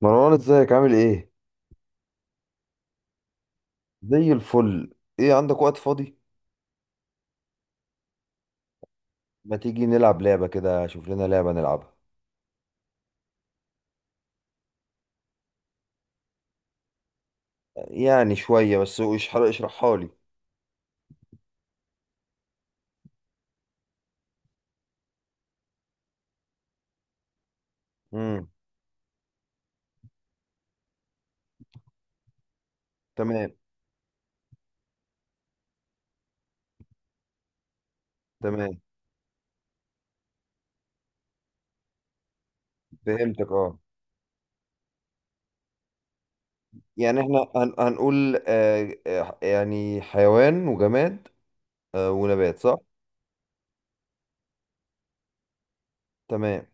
مروان ازيك عامل ايه؟ زي الفل. ايه عندك وقت فاضي؟ ما تيجي نلعب لعبة كده، شوف لنا لعبة نلعبها. يعني شوية، بس اشرحها لي. امم تمام. تمام. فهمتك، اه. يعني احنا هنقول يعني حيوان وجماد، ونبات، صح؟ تمام.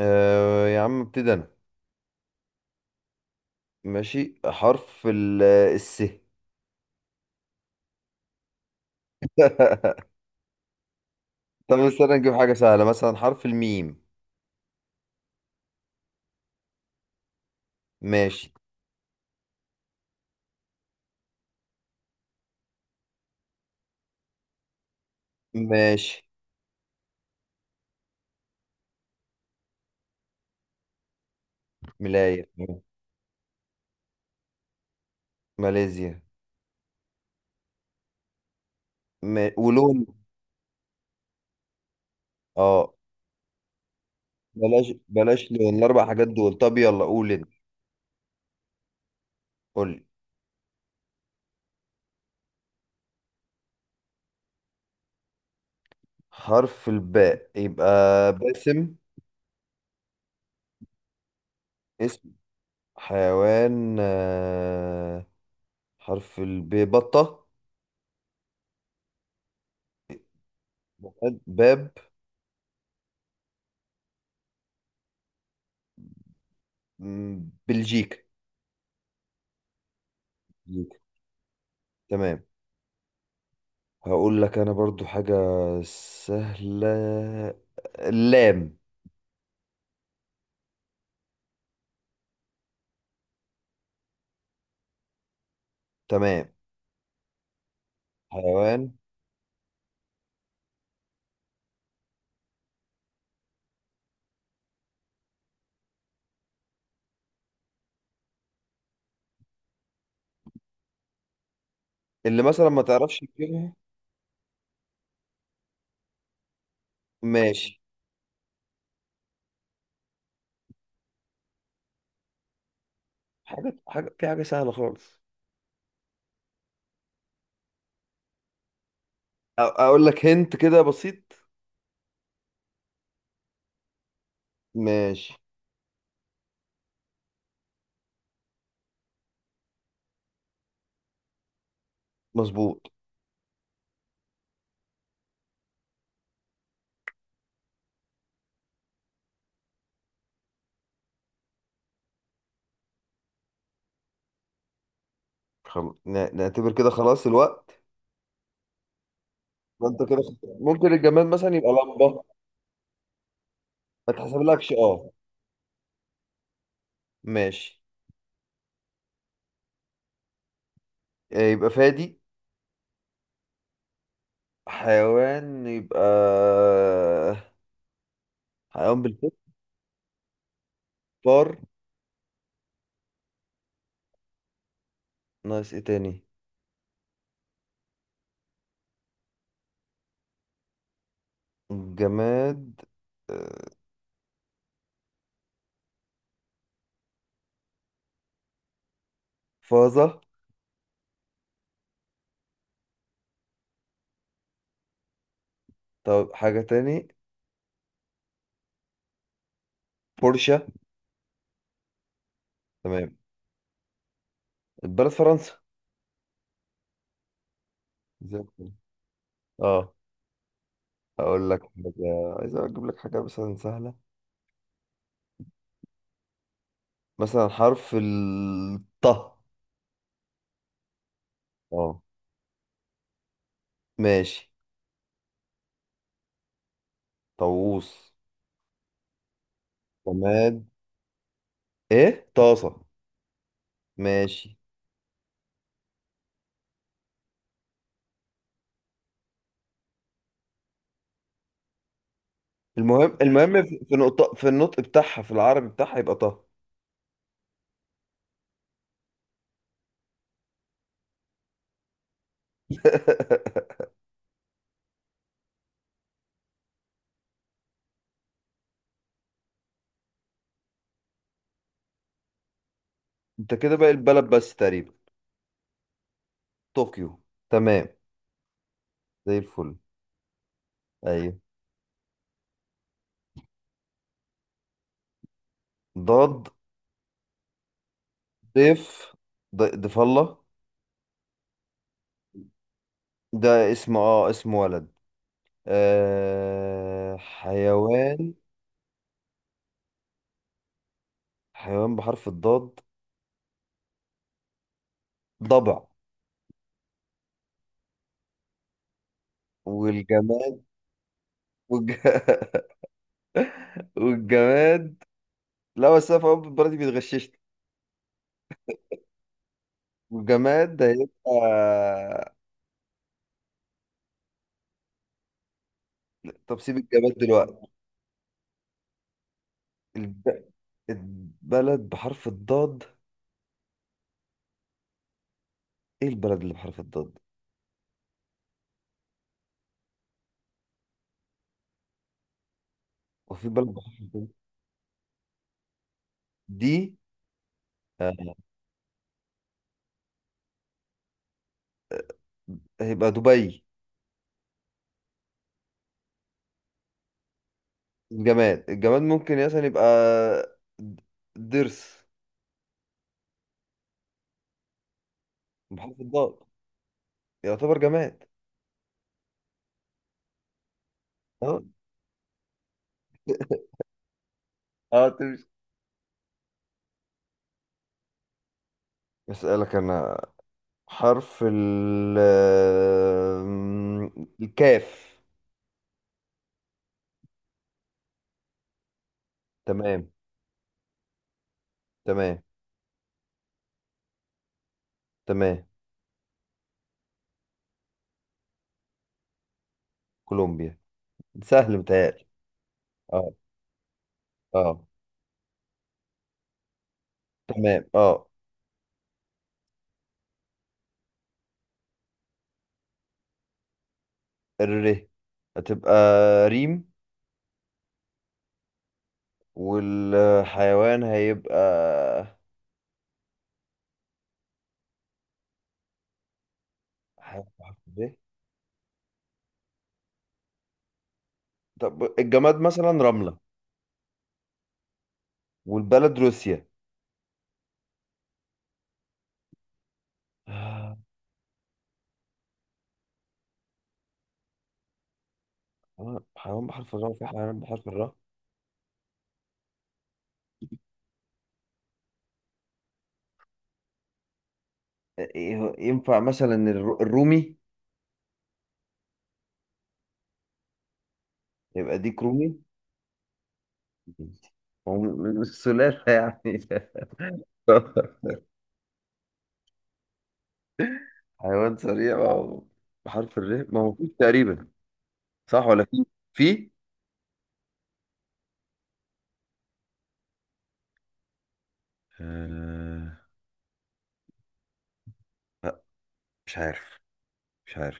يا عم ابتدي انا. ماشي، حرف ال... آه، الس طب استنى نجيب حاجة سهلة، مثلا حرف الميم. ماشي. ماشي. ملاية. ماليزيا. ولون. اه. بلاش بلاش، لون الاربع حاجات دول، طب يلا قول انت. قول لي. حرف الباء يبقى باسم. اسم حيوان، حرف الب، بطة. بلد- باب. م، بلجيكا. بلجيكا. تمام. هقول لك انا برضو حاجة سهلة، اللام. تمام. حيوان اللي مثلا ما تعرفش تجيبها. ماشي. حاجة حاجة في حاجة سهلة خالص. اقول لك هنت كده بسيط. ماشي. مظبوط. نعتبر كده خلاص الوقت. انت كده ممكن الجماد مثلا يبقى لمبة. ما تحسبلكش، اه. ماشي. يبقى فادي. حيوان يبقى حيوان بالفعل. فار. ناقص ايه تاني؟ جماد. آه، فازة. طب حاجة تاني، بورشة. تمام. البلد فرنسا. زي الفل. اه. اقول لك حاجة، عايز اجيب لك حاجة مثلا سهلة. مثلا حرف الط. اه. ماشي. طاووس. طماط. ايه، طاسة؟ ماشي. المهم المهم في نقطة في النطق بتاعها، في العربي بتاعها يبقى طه. انت كده باقي البلد بس تقريبا. طوكيو. تمام. زي الفل. ايوه. ضاد. ضيف. ضيف الله. ده اسم، اه اسم ولد. آه حيوان. حيوان بحرف الضاد. ضبع. والجماد. والج... والجماد. لا بس انا في أول برضه بيتغششني. والجماد ده هيبقى. طب سيب الجماد دلوقتي. الب... البلد بحرف الضاد. ايه البلد اللي بحرف الضاد؟ وفي بلد بحرف الضاد؟ دي. آه، هيبقى دبي. الجماد، الجماد ممكن مثلا يبقى د- ضرس. بحرف الضاد يعتبر جماد. اه. اه تمشي. اسألك انا. حرف ال الكاف. تمام. تمام. تمام. كولومبيا. سهل متهيألي. اه. اه. تمام. اه. الر هتبقى ريم. والحيوان هيبقى حيوان بحرف ب. طب الجماد مثلا رملة. والبلد روسيا. آه، حيوان بحرف الراء، في حيوان بحرف الراء؟ آه، ينفع مثلا الرومي؟ يبقى ديك رومي؟ هو مش سلالة يعني؟ حيوان سريع، ما هو بحرف الر ما هو فيه تقريبا، صح ولا في؟ في. آه. مش عارف. مش عارف.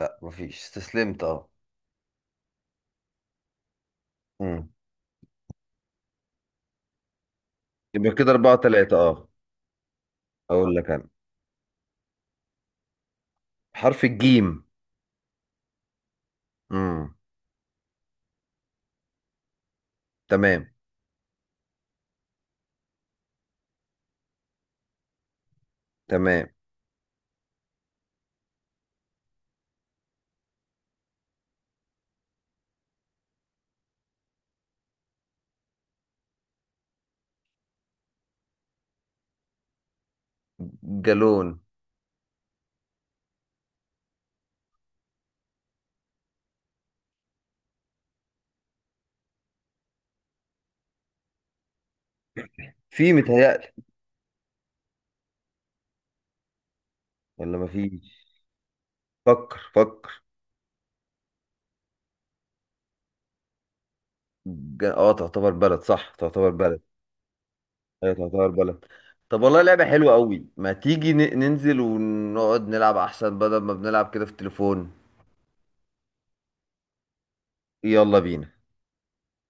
لا مفيش استسلمت، اه. امم يبقى كده أربعة تلاتة، اه. أقول لك أنا، حرف الجيم. امم تمام. تمام. جالون. في متهيألي، ولا مفيش؟ فكر فكر. اه، تعتبر بلد، صح تعتبر بلد. ايوه تعتبر بلد. طب والله لعبة حلوة قوي، ما تيجي ننزل ونقعد نلعب أحسن، بدل ما بنلعب كده في التليفون. يلا بينا.